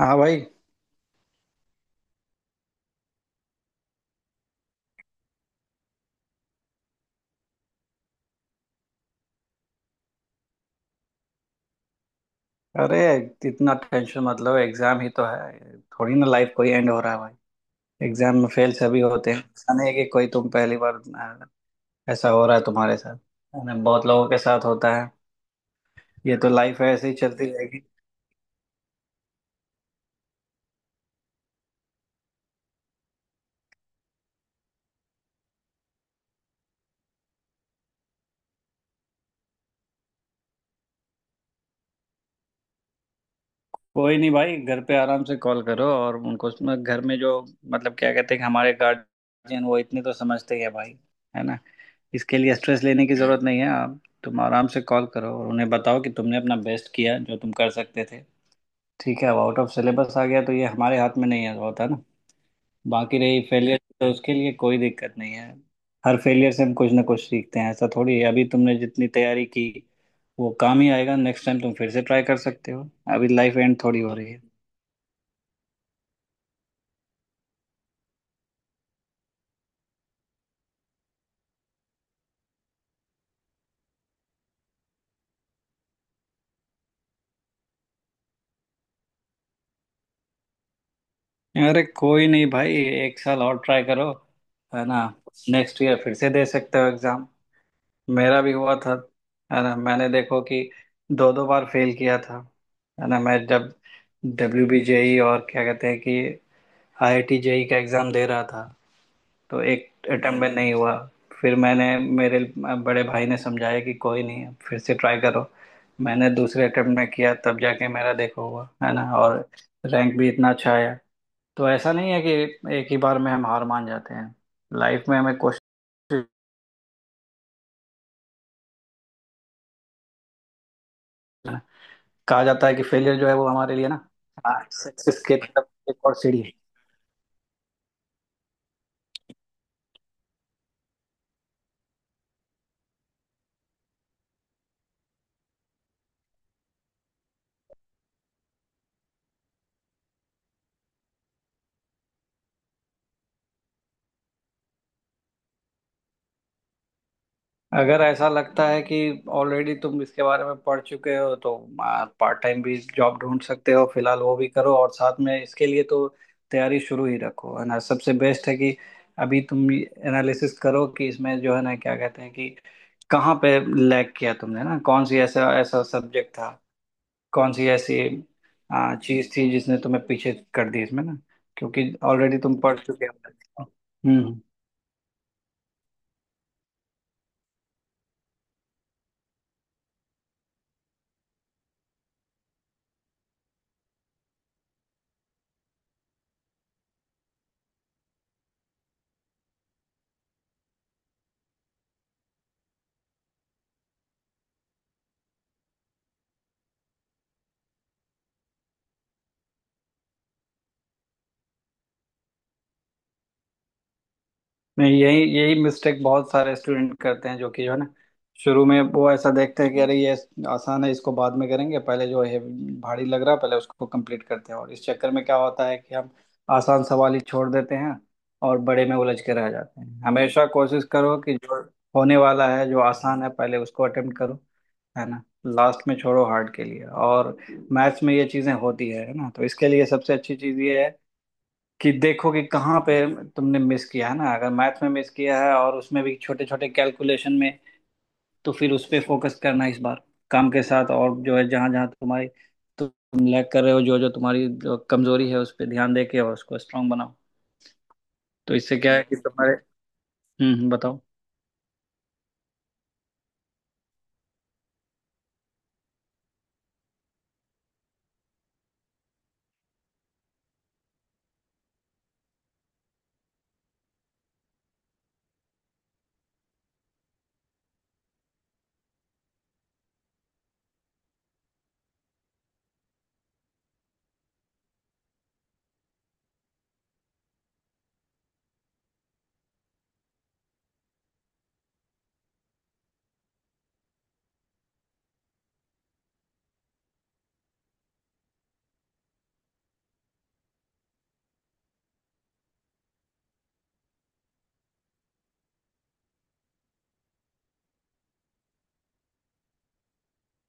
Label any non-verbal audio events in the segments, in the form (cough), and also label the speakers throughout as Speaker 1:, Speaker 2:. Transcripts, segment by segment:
Speaker 1: हाँ भाई। अरे इतना टेंशन मतलब एग्जाम ही तो है थोड़ी ना लाइफ कोई एंड हो रहा है भाई। एग्जाम में फेल सभी होते हैं ऐसा नहीं है कि कोई तुम पहली बार ऐसा हो रहा है तुम्हारे साथ। है ना बहुत लोगों के साथ होता है। ये तो लाइफ है ऐसे ही चलती रहेगी। कोई नहीं भाई घर पे आराम से कॉल करो और उनको उसमें घर में जो मतलब क्या कहते हैं कि हमारे गार्जियन वो इतने तो समझते ही है भाई। है ना। इसके लिए स्ट्रेस लेने की जरूरत नहीं है आप तुम आराम से कॉल करो और उन्हें बताओ कि तुमने अपना बेस्ट किया जो तुम कर सकते थे। ठीक है अब आउट ऑफ सिलेबस आ गया तो ये हमारे हाथ में नहीं है होता ना। बाकी रही फेलियर तो उसके लिए कोई दिक्कत नहीं है। हर फेलियर से हम कुछ ना कुछ सीखते हैं ऐसा थोड़ी है अभी तुमने जितनी तैयारी की वो काम ही आएगा नेक्स्ट टाइम तुम फिर से ट्राई कर सकते हो। अभी लाइफ एंड थोड़ी हो रही है। अरे कोई नहीं भाई। एक साल और ट्राई करो। है ना। नेक्स्ट ईयर फिर से दे सकते हो एग्जाम। मेरा भी हुआ था। है ना मैंने देखो कि दो दो बार फेल किया था। है ना मैं जब डब्ल्यू बी जे ई और क्या कहते हैं कि आईआईटी जेई का एग्ज़ाम दे रहा था, तो एक अटेम्प्ट में नहीं हुआ। फिर मैंने मेरे बड़े भाई ने समझाया कि कोई नहीं फिर से ट्राई करो। मैंने दूसरे अटेम्प्ट में किया तब जाके मेरा देखो हुआ, है ना? और रैंक भी इतना अच्छा आया। तो ऐसा नहीं है कि एक ही बार में हम हार मान जाते हैं। लाइफ में हमें कोशिश कहा जाता है कि फेलियर जो है वो हमारे लिए ना सक्सेस के तरफ एक और सीढ़ी है। अगर ऐसा लगता है कि ऑलरेडी तुम इसके बारे में पढ़ चुके हो तो पार्ट टाइम भी जॉब ढूंढ सकते हो फिलहाल वो भी करो और साथ में इसके लिए तो तैयारी शुरू ही रखो है ना सबसे बेस्ट है कि अभी तुम एनालिसिस करो कि इसमें जो है ना क्या कहते हैं कि कहाँ पे लैग किया तुमने ना कौन सी ऐसा ऐसा सब्जेक्ट था कौन सी ऐसी चीज थी जिसने तुम्हें पीछे कर दी इसमें ना क्योंकि ऑलरेडी तुम पढ़ चुके हो। हम्म। नहीं यही यही मिस्टेक बहुत सारे स्टूडेंट करते हैं जो कि जो है ना शुरू में वो ऐसा देखते हैं कि अरे ये आसान है इसको बाद में करेंगे पहले जो है भारी लग रहा है पहले उसको कंप्लीट करते हैं और इस चक्कर में क्या होता है कि हम आसान सवाल ही छोड़ देते हैं और बड़े में उलझ के रह जाते हैं हमेशा कोशिश करो कि जो होने वाला है जो आसान है पहले उसको अटेम्प्ट करो है ना लास्ट में छोड़ो हार्ड के लिए और मैथ्स में ये चीजें होती है ना तो इसके लिए सबसे अच्छी चीज ये है कि देखो कि कहाँ पे तुमने मिस किया है ना अगर मैथ में मिस किया है और उसमें भी छोटे छोटे कैलकुलेशन में तो फिर उस पे फोकस करना इस बार काम के साथ और जो है जहाँ जहाँ तुम लैग कर रहे हो जो जो तुम्हारी जो कमजोरी है उस पर ध्यान दे के और उसको स्ट्रांग बनाओ। तो इससे क्या है कि तुम्हारे बताओ।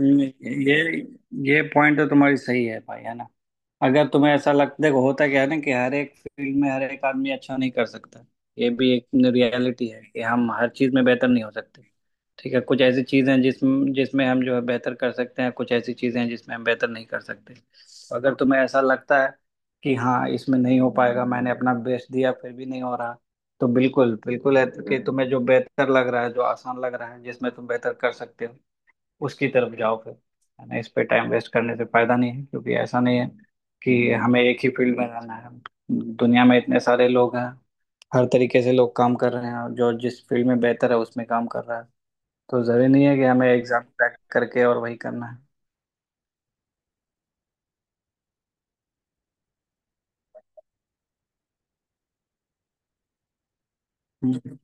Speaker 1: हम्म, ये ये पॉइंट तो तुम्हारी सही है भाई है ना। अगर तुम्हें ऐसा लगता देखो होता क्या है ना कि हर एक फील्ड में हर एक आदमी अच्छा नहीं कर सकता। ये भी एक रियलिटी है कि हम हर चीज में बेहतर नहीं हो सकते। ठीक है कुछ ऐसी चीजें हैं जिसमें जिसमें हम जो है बेहतर कर सकते हैं कुछ ऐसी चीजें हैं जिसमें हम बेहतर नहीं कर सकते तो अगर तुम्हें ऐसा लगता है कि हाँ इसमें नहीं हो पाएगा मैंने अपना बेस्ट दिया फिर भी नहीं हो रहा तो बिल्कुल बिल्कुल है कि तुम्हें जो बेहतर लग रहा है जो आसान लग रहा है जिसमें तुम बेहतर कर सकते हो उसकी तरफ जाओ फिर है ना इस पे टाइम वेस्ट करने से फायदा नहीं है क्योंकि ऐसा नहीं है कि हमें एक ही फील्ड में रहना है। दुनिया में इतने सारे लोग हैं हर तरीके से लोग काम कर रहे हैं और जो जिस फील्ड में बेहतर है उसमें काम कर रहा है। तो जरूरी नहीं है कि हमें एग्जाम क्रैक करके और वही करना है। हम्म।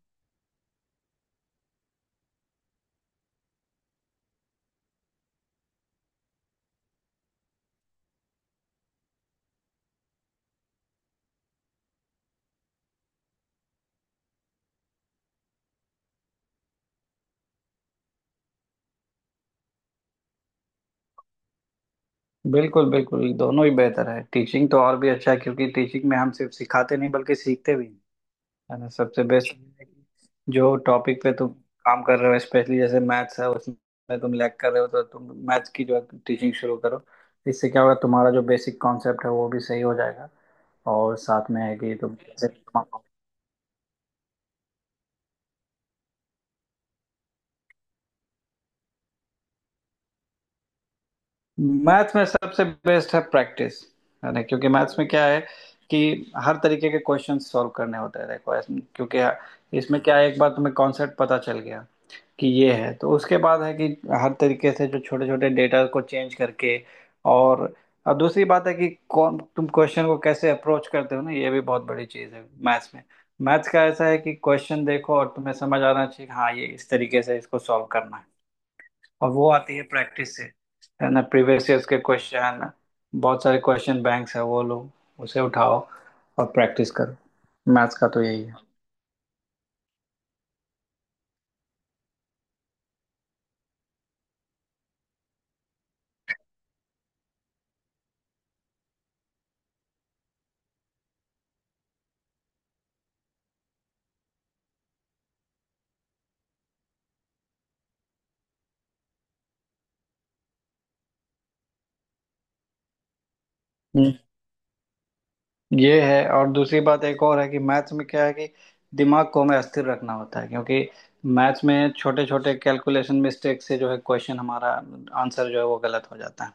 Speaker 1: बिल्कुल बिल्कुल दोनों ही बेहतर है टीचिंग तो और भी अच्छा है क्योंकि टीचिंग में हम सिर्फ सिखाते नहीं बल्कि सीखते भी हैं। है ना सबसे बेस्ट जो टॉपिक पे तुम काम कर रहे हो स्पेशली जैसे मैथ्स है उसमें तुम लैग कर रहे हो तो तुम मैथ्स की जो टीचिंग शुरू करो। इससे क्या होगा तुम्हारा जो बेसिक कॉन्सेप्ट है वो भी सही हो जाएगा। और साथ में है कि तुम कैसे मैथ्स में सबसे बेस्ट है प्रैक्टिस है ना क्योंकि मैथ्स में क्या है कि हर तरीके के क्वेश्चन सॉल्व करने होते हैं देखो क्योंकि इसमें क्या है एक बार तुम्हें कॉन्सेप्ट पता चल गया कि ये है तो उसके बाद है कि हर तरीके से जो छोटे छोटे डेटा को चेंज करके और अब दूसरी बात है कि कौन तुम क्वेश्चन को कैसे अप्रोच करते हो ना ये भी बहुत बड़ी चीज़ है मैथ्स में। मैथ्स का ऐसा है कि क्वेश्चन देखो और तुम्हें समझ आना चाहिए कि हाँ ये इस तरीके से इसको सॉल्व करना है और वो आती है प्रैक्टिस से। है ना प्रीवियस ईयर्स के क्वेश्चन बहुत सारे क्वेश्चन बैंक्स है वो लो उसे उठाओ और प्रैक्टिस करो। मैथ्स का तो यही है। हम्म। ये है और दूसरी बात एक और है कि मैथ्स में क्या है कि दिमाग को हमें अस्थिर रखना होता है क्योंकि मैथ्स में छोटे छोटे कैलकुलेशन मिस्टेक से जो है क्वेश्चन हमारा आंसर जो है वो गलत हो जाता है।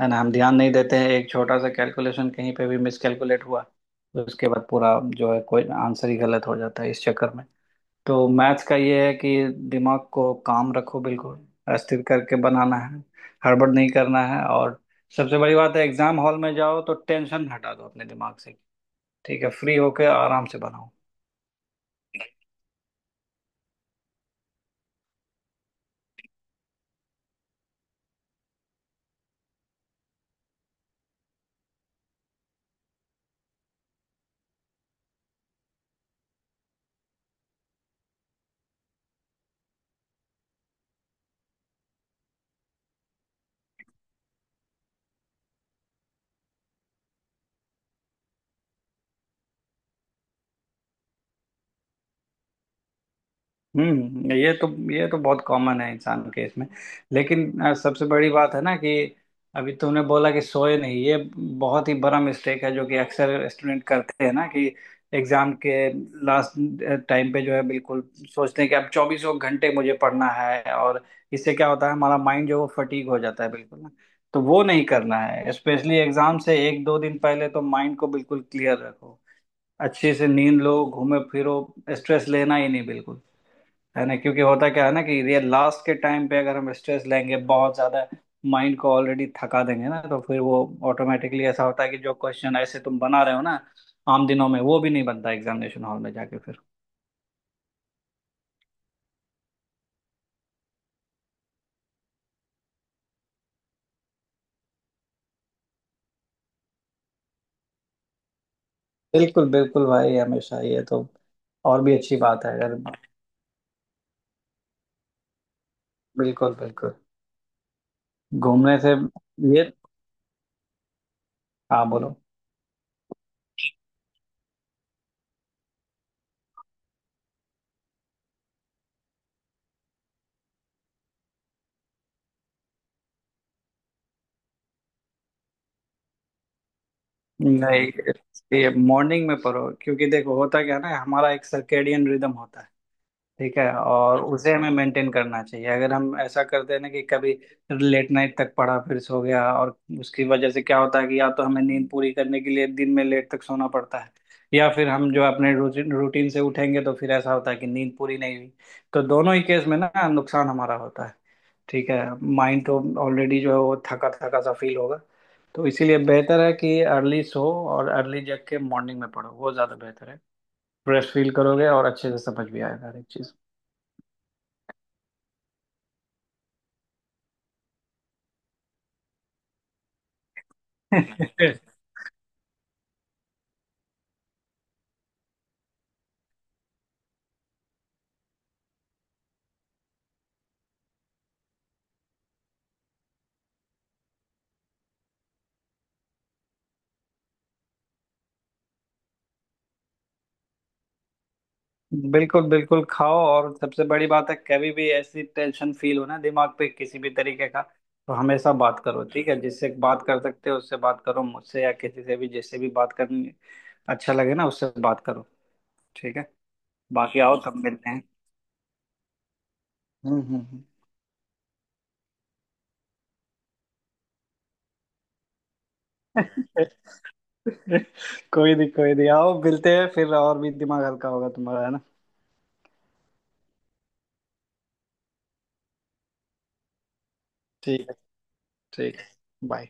Speaker 1: है ना हम ध्यान नहीं देते हैं एक छोटा सा कैलकुलेशन कहीं पे भी मिस कैलकुलेट हुआ तो उसके बाद पूरा जो है कोई आंसर ही गलत हो जाता है इस चक्कर में। तो मैथ्स का ये है कि दिमाग को काम रखो बिल्कुल अस्थिर करके बनाना है हड़बड़ नहीं करना है और सबसे बड़ी बात है एग्जाम हॉल में जाओ तो टेंशन हटा दो अपने दिमाग से। ठीक है फ्री होके आराम से बनाओ। हम्म ये तो ये तो बहुत कॉमन है इंसान के इसमें लेकिन सबसे बड़ी बात है ना कि अभी तुमने बोला कि सोए नहीं ये बहुत ही बड़ा मिस्टेक है जो कि अक्सर स्टूडेंट करते हैं ना कि एग्जाम के लास्ट टाइम पे जो है बिल्कुल सोचते हैं कि अब चौबीसों घंटे मुझे पढ़ना है और इससे क्या होता है हमारा माइंड जो है वो फटीग हो जाता है बिल्कुल ना। तो वो नहीं करना है स्पेशली एग्जाम से एक दो दिन पहले तो माइंड को बिल्कुल क्लियर रखो। अच्छे से नींद लो घूमे फिरो स्ट्रेस लेना ही नहीं बिल्कुल। है ना क्योंकि होता क्या है ना कि रियल लास्ट के टाइम पे अगर हम स्ट्रेस लेंगे बहुत ज्यादा माइंड को ऑलरेडी थका देंगे ना तो फिर वो ऑटोमेटिकली ऐसा होता है कि जो क्वेश्चन ऐसे तुम बना रहे हो ना आम दिनों में वो भी नहीं बनता एग्जामिनेशन हॉल में जाके फिर। बिल्कुल बिल्कुल भाई हमेशा ये तो और भी अच्छी बात है अगर बिल्कुल बिल्कुल घूमने से ये हाँ बोलो। नहीं ये मॉर्निंग में पढ़ो क्योंकि देखो होता क्या है ना हमारा एक सर्केडियन रिदम होता है। ठीक है और उसे हमें मेंटेन करना चाहिए अगर हम ऐसा करते हैं ना कि कभी लेट नाइट तक पढ़ा फिर सो गया और उसकी वजह से क्या होता है कि या तो हमें नींद पूरी करने के लिए दिन में लेट तक सोना पड़ता है या फिर हम जो अपने रूटीन रूटीन से उठेंगे तो फिर ऐसा होता है कि नींद पूरी नहीं हुई। तो दोनों ही केस में ना नुकसान हमारा होता है। ठीक है माइंड तो ऑलरेडी जो है वो थका थका सा फील होगा। तो इसीलिए बेहतर है कि अर्ली सो और अर्ली जग के मॉर्निंग में पढ़ो वो ज़्यादा बेहतर है। फ्रेश फील करोगे और अच्छे से समझ भी आएगा हर एक चीज़। (laughs) बिल्कुल बिल्कुल खाओ और सबसे बड़ी बात है कभी भी ऐसी टेंशन फील हो ना दिमाग पे किसी भी तरीके का तो हमेशा बात करो। ठीक है जिससे बात कर सकते हो उससे बात करो मुझसे या किसी से भी जिससे भी बात करनी अच्छा लगे ना उससे बात करो। ठीक है बाकी आओ तब मिलते हैं। हम्म हम्म हम्म। (laughs) कोई नहीं आओ मिलते हैं फिर और भी दिमाग हल्का होगा तुम्हारा है ना। ठीक है। ठीक है बाय।